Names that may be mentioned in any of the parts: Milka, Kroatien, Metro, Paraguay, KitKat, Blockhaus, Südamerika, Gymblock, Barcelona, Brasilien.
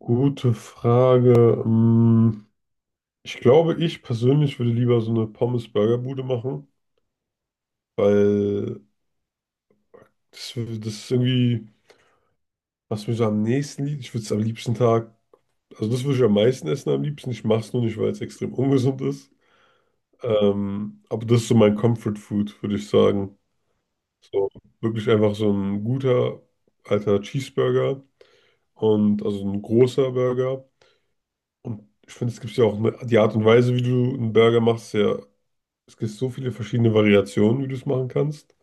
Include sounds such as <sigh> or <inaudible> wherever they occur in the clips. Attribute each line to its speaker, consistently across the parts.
Speaker 1: Gute Frage. Ich glaube, ich persönlich würde lieber so eine Pommes-Burger-Bude machen, weil das, das ist irgendwie, was mir so am nächsten liegt. Ich würde es am liebsten Tag, also das würde ich am meisten essen am liebsten. Ich mache es nur nicht, weil es extrem ungesund ist. Aber das ist so mein Comfort-Food, würde ich sagen. So wirklich einfach so ein guter alter Cheeseburger und also ein großer Burger. Und ich finde, es gibt ja auch eine, die Art und Weise, wie du einen Burger machst, ist ja. Es gibt so viele verschiedene Variationen, wie du es machen kannst.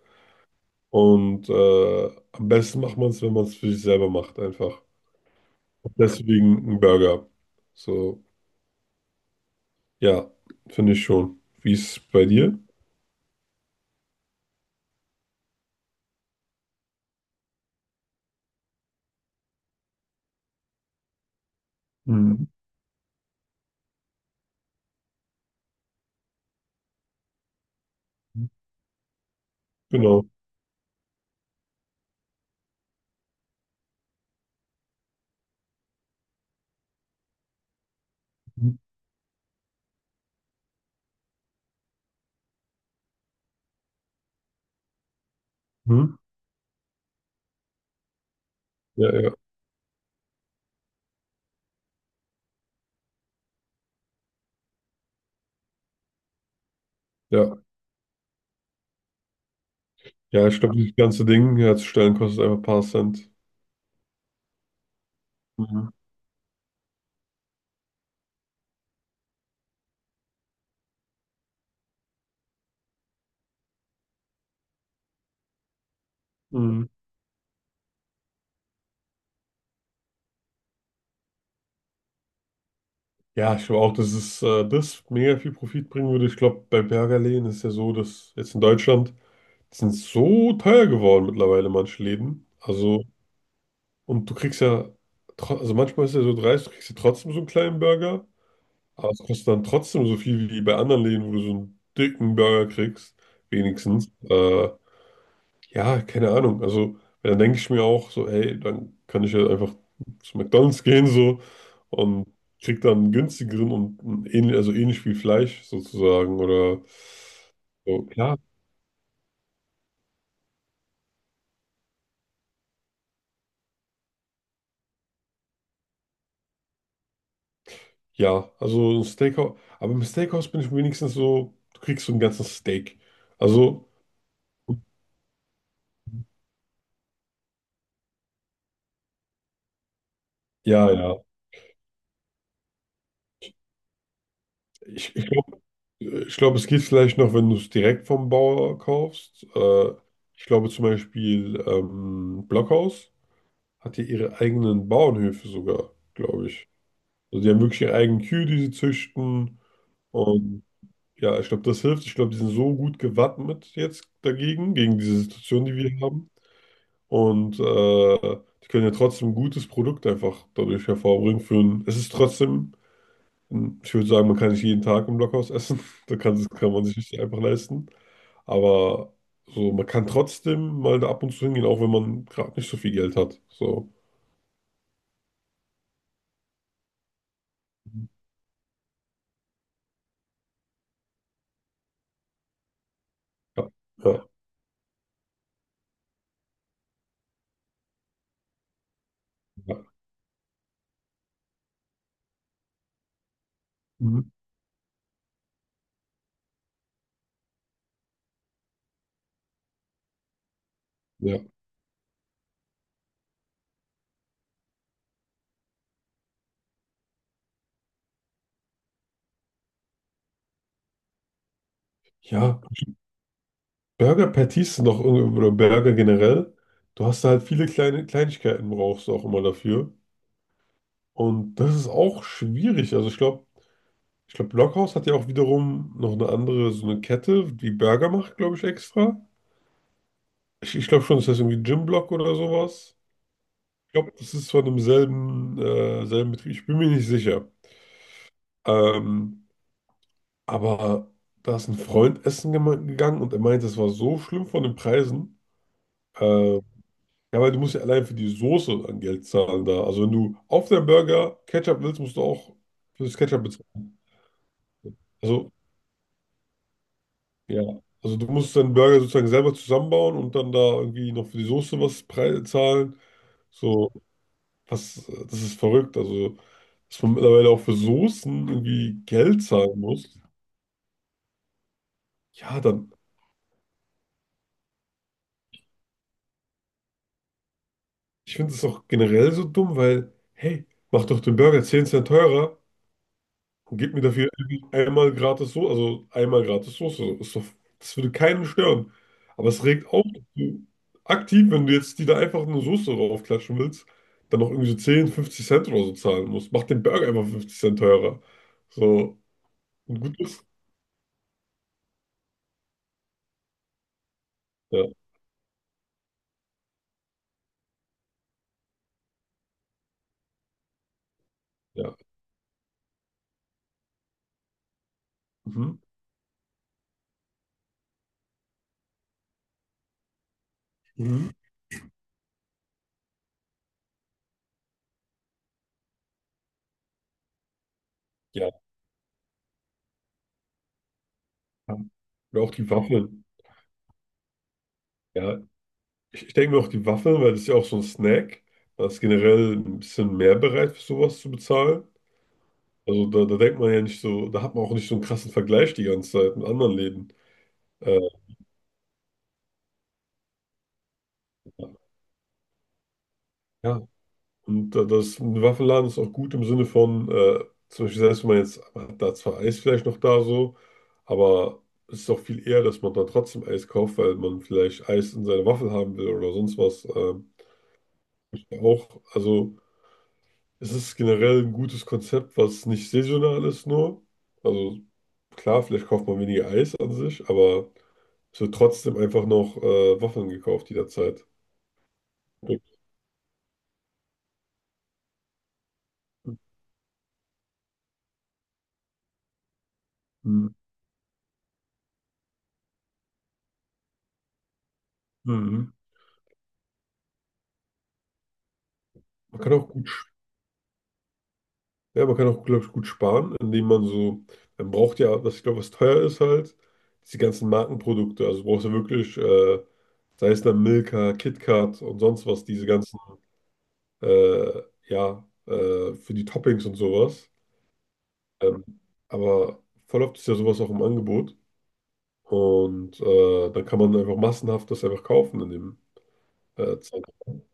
Speaker 1: Und am besten macht man es, wenn man es für sich selber macht, einfach. Deswegen ein Burger. So, ja, finde ich schon. Wie ist es bei dir? Mhm. Genau. Mhm. Ja, ja, ja. Ja, ich glaube, das ganze Ding herzustellen kostet einfach ein paar Cent. Mhm. Mhm. Ja, ich glaube auch, dass es das mega viel Profit bringen würde. Ich glaube, bei Burgerläden ist ja so, dass jetzt in Deutschland die sind so teuer geworden mittlerweile manche Läden. Also, und du kriegst ja, also manchmal ist er so dreist, du kriegst ja trotzdem so einen kleinen Burger, aber es kostet dann trotzdem so viel wie bei anderen Läden, wo du so einen dicken Burger kriegst, wenigstens. Ja, keine Ahnung. Also, weil dann denke ich mir auch so, hey, dann kann ich ja einfach zu McDonald's gehen so, und krieg dann einen günstigeren und einen ähnlich, also ähnlich viel Fleisch sozusagen oder so. Klar. Ja, also ein Steakhouse, aber im Steakhouse bin ich wenigstens so, du kriegst so ein ganzes Steak. Also, ja, ja. Ich, ich glaube, ich glaub, es geht vielleicht noch, wenn du es direkt vom Bauer kaufst. Ich glaube zum Beispiel Blockhaus hat ja ihre eigenen Bauernhöfe sogar, glaube ich. Also die haben wirklich ihre eigenen Kühe, die sie züchten. Und ja, ich glaube, das hilft. Ich glaube, die sind so gut gewappnet jetzt dagegen, gegen diese Situation, die wir haben. Und die können ja trotzdem ein gutes Produkt einfach dadurch hervorbringen. Für ein, es ist trotzdem. Ich würde sagen, man kann nicht jeden Tag im Blockhaus essen. <laughs> Das kann man sich nicht einfach leisten. Aber so, man kann trotzdem mal da ab und zu hingehen, auch wenn man gerade nicht so viel Geld hat. So, ja, ja, ja. Mhm. Ja, ja. Burger Patties sind doch irgendwie, oder Burger generell. Du hast da halt viele kleine Kleinigkeiten, brauchst du auch immer dafür. Und das ist auch schwierig. Also ich glaube, Blockhaus hat ja auch wiederum noch eine andere, so eine Kette, die Burger macht, glaube ich, extra. Ich glaube schon, das heißt irgendwie Gymblock oder sowas. Ich glaube, das ist von demselben selben Betrieb. Ich bin mir nicht sicher. Ähm, aber da ist ein Freund essen gegangen und er meinte, es war so schlimm von den Preisen. Äh, ja, weil du musst ja allein für die Soße an Geld zahlen da. Also wenn du auf deinen Burger Ketchup willst, musst du auch für das Ketchup bezahlen. Also, ja. Also du musst deinen Burger sozusagen selber zusammenbauen und dann da irgendwie noch für die Soße was zahlen. So. Das ist verrückt. Also, dass man mittlerweile auch für Soßen irgendwie Geld zahlen muss. Ja, dann, ich finde es auch generell so dumm, weil, hey, mach doch den Burger 10 Cent teurer und gib mir dafür irgendwie einmal gratis Soße, also einmal gratis Soße. Ist doch, das würde keinen stören. Aber es regt auf, dass du aktiv, wenn du jetzt die da einfach eine Soße draufklatschen willst, dann noch irgendwie so 10, 50 Cent oder so zahlen musst. Mach den Burger einfach 50 Cent teurer. So, und gut ist. Ja, ja. Mhm. Mhm. Ja, ja. Oder auch die Waffeln. Ja, ich denke mir auch die Waffeln, weil das ist ja auch so ein Snack. Da ist generell ein bisschen mehr bereit, für sowas zu bezahlen. Also da denkt man ja nicht so, da hat man auch nicht so einen krassen Vergleich die ganze Zeit mit anderen Läden. Äh, ja, und das ein Waffenladen ist auch gut im Sinne von, zum Beispiel selbst wenn man jetzt, man hat da zwar Eis vielleicht noch da so, aber es ist auch viel eher, dass man da trotzdem Eis kauft, weil man vielleicht Eis in seine Waffel haben will oder sonst was. Auch, also. Es ist generell ein gutes Konzept, was nicht saisonal ist nur. Also klar, vielleicht kauft man weniger Eis an sich, aber es wird trotzdem einfach noch Waffeln gekauft jederzeit. Mhm. Mhm. Man kann auch gut, ja, man kann auch, glaube ich, gut sparen, indem man so, man braucht ja, was ich glaube, was teuer ist halt, diese ganzen Markenprodukte. Also du brauchst ja wirklich, sei es dann Milka, KitKat und sonst was, diese ganzen, äh, ja, für die Toppings und sowas. Ähm, aber voll oft ist ja sowas auch im Angebot. Und dann kann man einfach massenhaft das einfach kaufen in dem Zeitraum.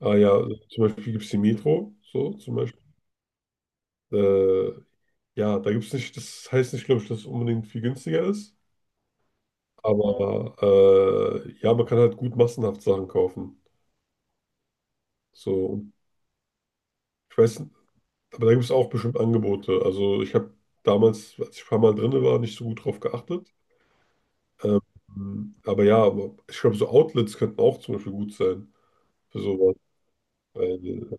Speaker 1: Ah ja, zum Beispiel gibt es die Metro, so zum Beispiel. Äh, ja, da gibt es nicht, das heißt nicht, glaube ich, dass es unbedingt viel günstiger ist. Aber ja, man kann halt gut massenhaft Sachen kaufen. So, und ich weiß, aber da gibt es auch bestimmt Angebote. Also ich habe damals, als ich ein paar Mal drin war, nicht so gut drauf geachtet. Aber ja, aber ich glaube, so Outlets könnten auch zum Beispiel gut sein für sowas. Weil,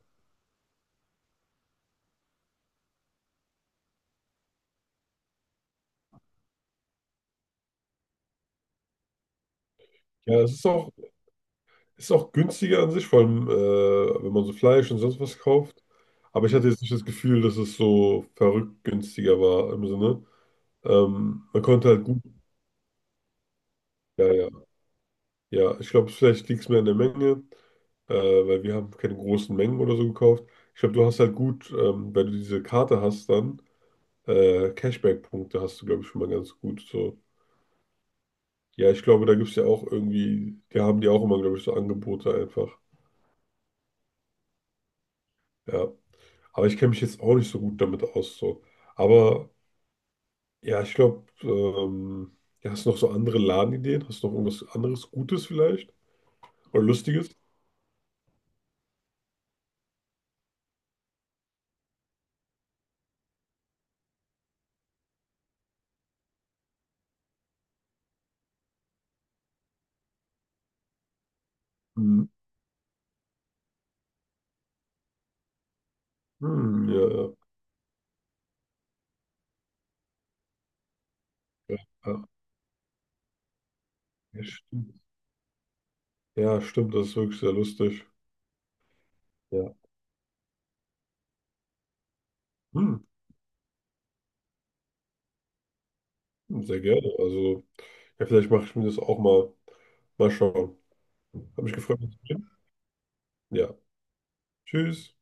Speaker 1: ja, es ist auch günstiger an sich, vor allem wenn man so Fleisch und sonst was kauft. Aber ich hatte jetzt nicht das Gefühl, dass es so verrückt günstiger war im Sinne. Man konnte halt gut. Ja, ja, ja. Ich glaube, vielleicht liegt es mehr an der Menge, weil wir haben keine großen Mengen oder so gekauft. Ich glaube, du hast halt gut, wenn du diese Karte hast, dann Cashback-Punkte hast du, glaube ich, schon mal ganz gut. So. Ja, ich glaube, da gibt es ja auch irgendwie, die haben die auch immer, glaube ich, so Angebote einfach. Ja. Aber ich kenne mich jetzt auch nicht so gut damit aus. So. Aber ja, ich glaube, ja, hast du noch so andere Ladenideen? Hast du noch irgendwas anderes Gutes vielleicht? Oder Lustiges? Hm, hm, ja, ja, ja, ja, ja, stimmt. Ja, stimmt, das ist wirklich sehr lustig. Ja. Hm, sehr gerne. Also, ja, vielleicht mache ich mir das auch mal. Mal schauen. Hab mich gefreut, mit dir zu reden. Ja. Tschüss.